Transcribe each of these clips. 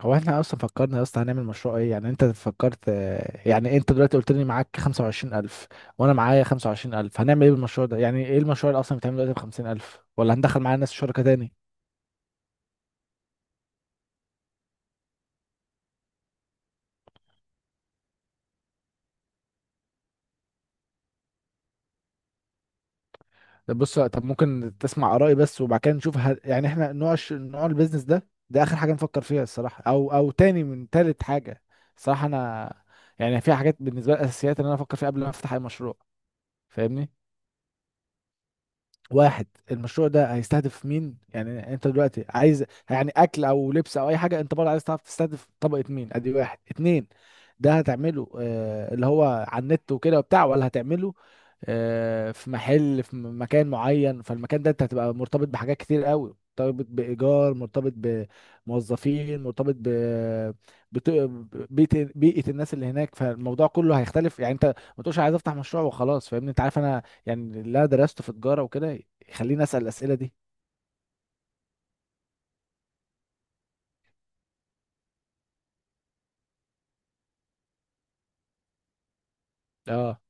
هو احنا اصلا فكرنا يا اسطى هنعمل مشروع ايه؟ يعني انت فكرت آه، يعني انت دلوقتي قلت لي معاك 25000 وانا معايا 25000، هنعمل ايه بالمشروع ده؟ يعني ايه المشروع اللي اصلا بيتعمل دلوقتي ب 50000؟ ولا هندخل معانا ناس شركة تاني؟ طب بص، طب ممكن تسمع ارائي بس وبعد كده نشوف؟ يعني احنا نوع نوع البيزنس ده ده اخر حاجة نفكر فيها الصراحة، او تاني من تالت حاجة الصراحة. انا يعني في حاجات بالنسبة لي اساسيات ان انا افكر فيها قبل ما افتح اي مشروع، فاهمني؟ واحد، المشروع ده هيستهدف مين؟ يعني انت دلوقتي عايز يعني اكل او لبس او اي حاجه، انت برضه عايز تعرف تستهدف طبقه مين. ادي واحد اتنين، ده هتعمله آه اللي هو على النت وكده وبتاع، ولا هتعمله آه في محل في مكان معين؟ فالمكان ده انت هتبقى مرتبط بحاجات كتير قوي، مرتبط بإيجار، مرتبط بموظفين، مرتبط ب بت- بيئة الناس اللي هناك. فالموضوع كله هيختلف، يعني انت ما تقولش عايز افتح مشروع وخلاص. فاهمني؟ انت عارف انا يعني اللي أنا درسته في تجارة وكده يخليني أسأل الأسئلة دي. اه،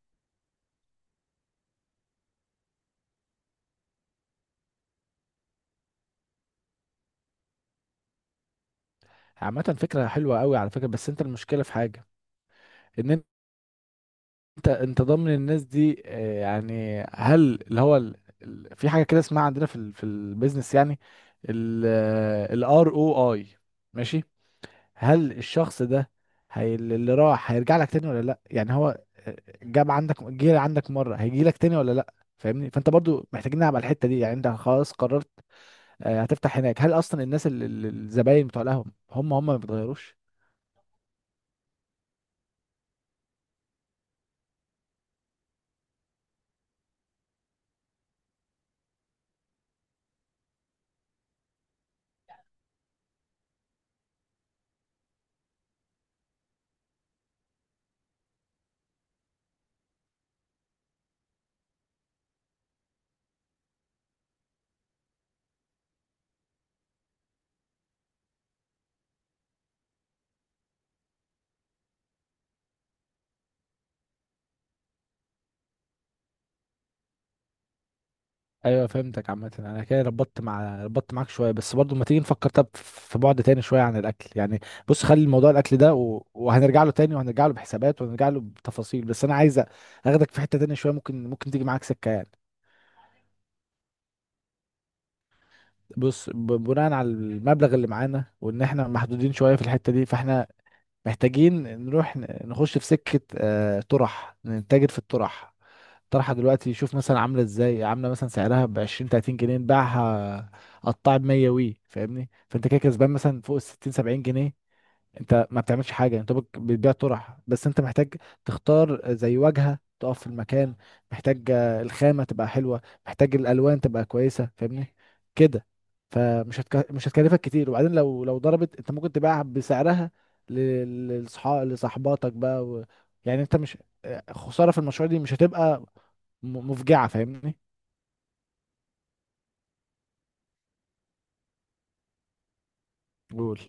عامة فكرة حلوة قوي على فكرة، بس انت المشكلة في حاجة، ان انت انت ضامن الناس دي آه، يعني هل اللي هو في حاجة كده اسمها عندنا في ال في البيزنس يعني الار او اي، ماشي. هل الشخص ده، هي اللي راح هيرجع لك تاني ولا لا؟ يعني هو آه، جاب عندك، جه عندك مرة، هيجي لك تاني ولا لا؟ فاهمني؟ فانت برضو محتاجين نلعب على الحتة دي. يعني انت خلاص قررت آه، هتفتح هناك، هل اصلا الناس الزباين بتوع القهوه هم هم ما بيتغيروش؟ ايوه فهمتك. عامه انا كده ربطت مع ربطت معاك شويه، بس برضو ما تيجي نفكر، طب في بعد تاني شويه عن الاكل يعني. بص خلي موضوع الاكل ده وهنرجع له تاني، وهنرجع له بحسابات، وهنرجع له بتفاصيل، بس انا عايز اخدك في حته تانية شويه، ممكن تيجي معاك سكه يعني. بص، بناء على المبلغ اللي معانا وان احنا محدودين شويه في الحته دي، فاحنا محتاجين نروح نخش في سكه آه، طرح، نتاجر في الطرح. طرحه دلوقتي شوف مثلا عامله ازاي، عامله مثلا سعرها ب 20 30 جنيه، نباعها قطاع ب 100 وي. فاهمني؟ فانت كده كسبان مثلا فوق ال 60 70 جنيه. انت ما بتعملش حاجه، انت بتبيع طرح بس. انت محتاج تختار زي واجهه تقف في المكان، محتاج آه، الخامه تبقى حلوه، محتاج الالوان تبقى كويسه. فاهمني كده؟ مش هتكلفك كتير. وبعدين لو ضربت انت، ممكن تبيعها بسعرها ل- للصحاب، لصاحباتك بقى يعني انت مش آه، خساره في المشروع دي مش هتبقى مفجعه. فاهمني؟ قول.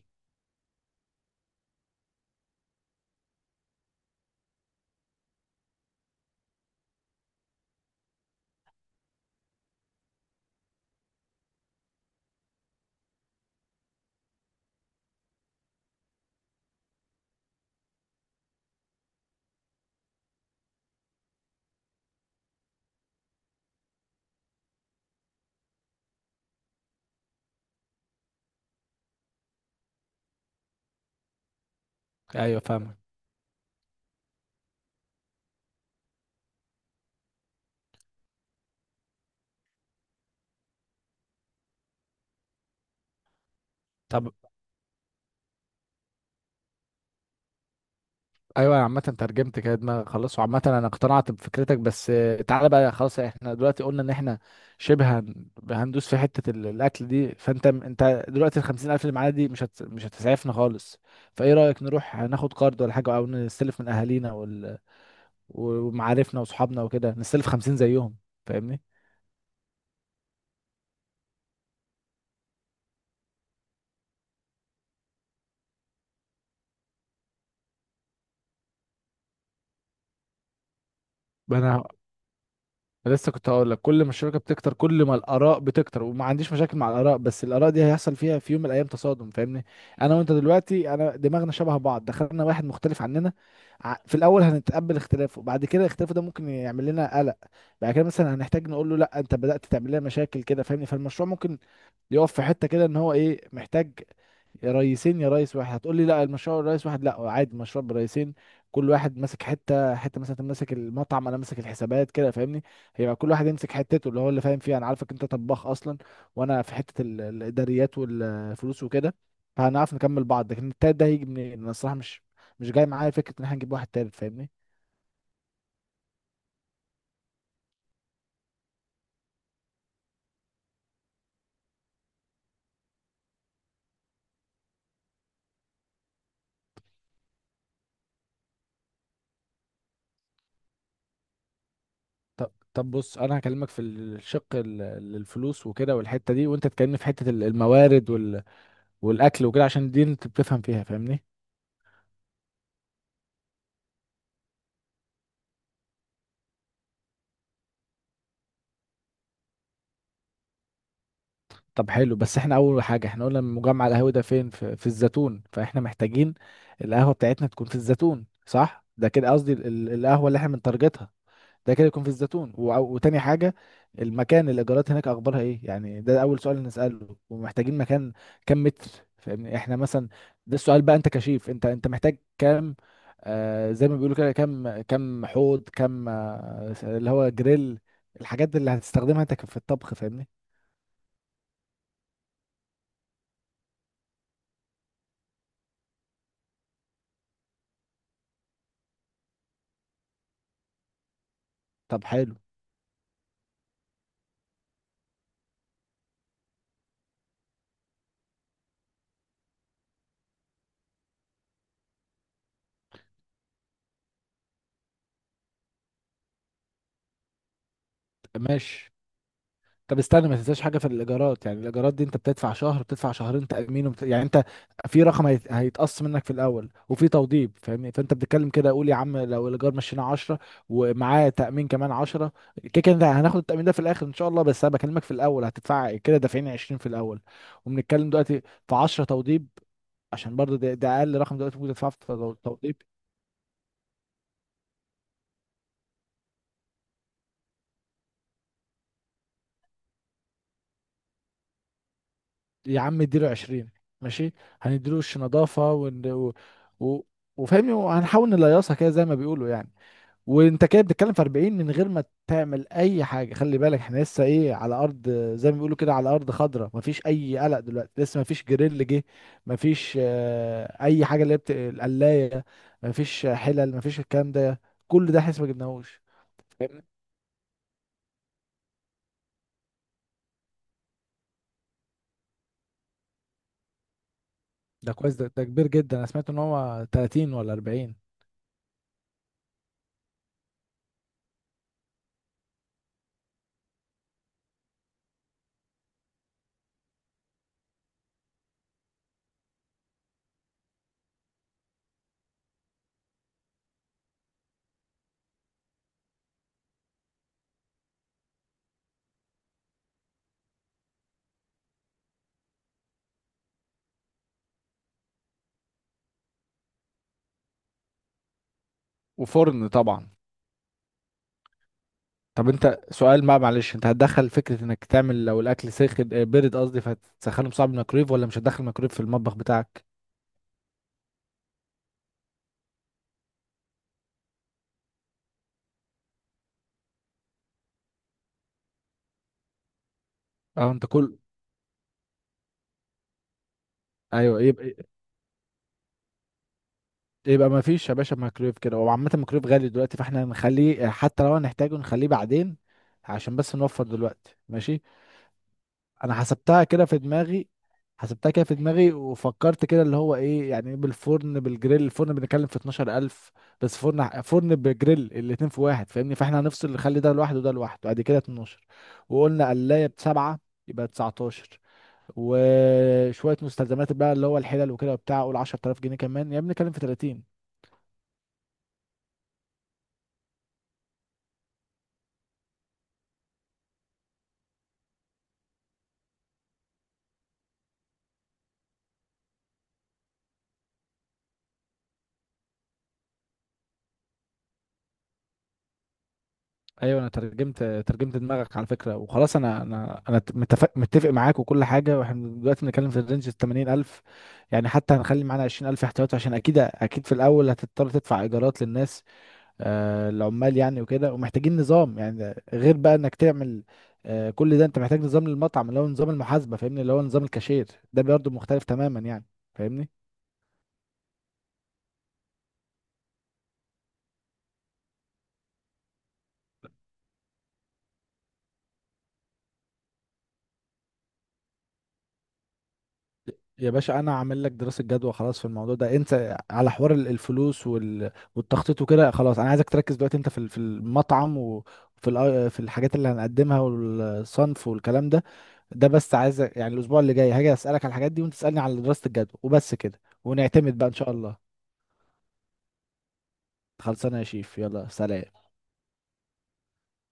ايوه فاهمك. طب ايوه، عامة ترجمت كده دماغي خلاص، وعامة انا اقتنعت بفكرتك بس. آه، تعالى بقى خلاص، احنا دلوقتي قلنا ان احنا شبه هندوس في حتة الاكل دي. فانت دلوقتي ال 50 الف اللي معانا دي مش هتسعفنا خالص. فايه رأيك نروح ناخد قرض ولا حاجة، او نستلف من اهالينا ومعارفنا وصحابنا وكده، نستلف 50 زيهم. فاهمني؟ انا أنا لسه كنت هقول لك، كل ما الشبكه بتكتر كل ما الاراء بتكتر، وما عنديش مشاكل مع الاراء، بس الاراء دي هيحصل فيها في يوم من الايام تصادم. فاهمني؟ انا وانت دلوقتي انا دماغنا شبه بعض، دخلنا واحد مختلف عننا في الاول هنتقبل اختلافه، بعد كده اختلافه ده ممكن يعمل لنا قلق، بعد كده مثلا هنحتاج نقول له لا انت بدات تعمل لنا مشاكل كده. فاهمني؟ فالمشروع ممكن يقف في حته كده، ان هو ايه محتاج. يا ريسين يا ريس واحد. هتقول لي لا المشروع رئيس واحد، لا عادي مشروع برئيسين، كل واحد ماسك حته، حته مثلا انت ماسك المطعم، انا ماسك الحسابات كده. فاهمني؟ هيبقى كل واحد يمسك حتته اللي هو اللي فاهم فيها. انا عارفك انت طباخ اصلا، وانا في حته الاداريات والفلوس وكده، فهنعرف نكمل بعض. لكن التالت ده هيجي منين؟ انا الصراحه مش جاي معايا فكره ان احنا نجيب واحد تالت. فاهمني؟ طب بص، انا هكلمك في الشق الفلوس وكده والحته دي، وانت تكلمني في حته الموارد والاكل وكده، عشان دي انت بتفهم فيها. فاهمني؟ طب حلو. بس احنا اول حاجه احنا قلنا المجمع القهوي ده فين؟ في الزيتون. فاحنا محتاجين القهوه بتاعتنا تكون في الزيتون، صح؟ ده كده قصدي القهوه اللي احنا بنتارجتها ده كده يكون في الزيتون. وتاني حاجه، المكان الايجارات هناك اخبارها ايه يعني؟ ده اول سؤال نساله. ومحتاجين مكان كام متر؟ فاهمني؟ احنا مثلا، ده السؤال بقى، انت كشيف، انت انت محتاج كام آه زي ما بيقولوا كده؟ كام كام حوض، كام آه اللي هو جريل، الحاجات اللي هتستخدمها انت في الطبخ. فاهمني؟ طب حلو، ماشي. طب استنى ما تنساش حاجه في الايجارات، يعني الايجارات دي انت بتدفع شهر، بتدفع شهرين تامين، يعني انت في رقم هيتقص منك في الاول وفي توضيب. فاهمني؟ فانت بتتكلم كده، قول يا عم لو الايجار مشينا 10 ومعاه تامين كمان 10، كده كده ده هناخد التامين ده في الاخر ان شاء الله، بس انا بكلمك في الاول هتدفع كده دافعين 20 في الاول. وبنتكلم دلوقتي في 10 توضيب، عشان برضه ده اقل رقم دلوقتي ممكن تدفعه في توضيب. يا عم اديله 20، ماشي، هنديله وش نظافه و... وفاهمني، وهنحاول نليصها كده زي ما بيقولوا يعني. وانت كده بتتكلم في 40 من غير ما تعمل اي حاجه. خلي بالك احنا لسه ايه على ارض، زي ما بيقولوا كده على ارض خضراء، مفيش اي قلق دلوقتي، لسه مفيش جريل جه، مفيش آه، اي حاجه اللي هي القلايه، مفيش حلل، مفيش الكلام ده، كل ده احنا لسه ما جبناهوش. فاهمني؟ ده كويس، ده كبير جدا. انا سمعت ان هو 30 ولا 40. وفرن طبعا. طب انت سؤال بقى معلش، انت هتدخل فكرة انك تعمل لو الاكل ساخن آه، بارد قصدي، فهتسخنه بصعب الميكرويف، ولا مش هتدخل ميكرويف في المطبخ بتاعك؟ اه انت كل. ايوه يبقى، يبقى ما فيش يا باشا ميكرويف كده. وعامة الميكرويف غالي دلوقتي، فاحنا هنخليه آه، حتى لو هنحتاجه نخليه بعدين، عشان بس نوفر دلوقتي. ماشي، انا حسبتها كده في دماغي، حسبتها كده في دماغي وفكرت كده اللي هو ايه يعني إيه، بالفرن، بالجريل، الفرن بنتكلم في 12000 بس. فرن بجريل، الاتنين في واحد. فاهمني؟ فاحنا هنفصل، نخلي ده لوحده وده لوحده. بعد كده 12، وقلنا قلاية بسبعة، يبقى 19. وشوية مستلزمات بقى اللي هو الحلل وكده وبتاع، قول 10000 جنيه كمان، يعني بنتكلم في 30. ايوه انا ترجمت دماغك على فكره وخلاص. انا انا متفق معاك وكل حاجه. واحنا دلوقتي بنتكلم في الرينج ال 80000، يعني حتى هنخلي معانا 20000 احتياطي، عشان اكيد في الاول هتضطر تدفع ايجارات للناس آه العمال يعني وكده. ومحتاجين نظام، يعني غير بقى انك تعمل آه كل ده، انت محتاج نظام للمطعم اللي هو نظام المحاسبه. فاهمني؟ اللي هو نظام الكاشير، ده برضه مختلف تماما يعني. فاهمني؟ يا باشا انا عامل لك دراسه جدوى خلاص في الموضوع ده. انت على حوار الفلوس والتخطيط وكده خلاص. انا عايزك تركز دلوقتي انت في في المطعم، وفي في الحاجات اللي هنقدمها والصنف والكلام ده ده بس. عايز يعني الاسبوع اللي جاي هاجي اسالك على الحاجات دي، وانت تسالني على دراسه الجدوى، وبس كده، ونعتمد بقى ان شاء الله. خلصانه يا شيف، يلا سلام.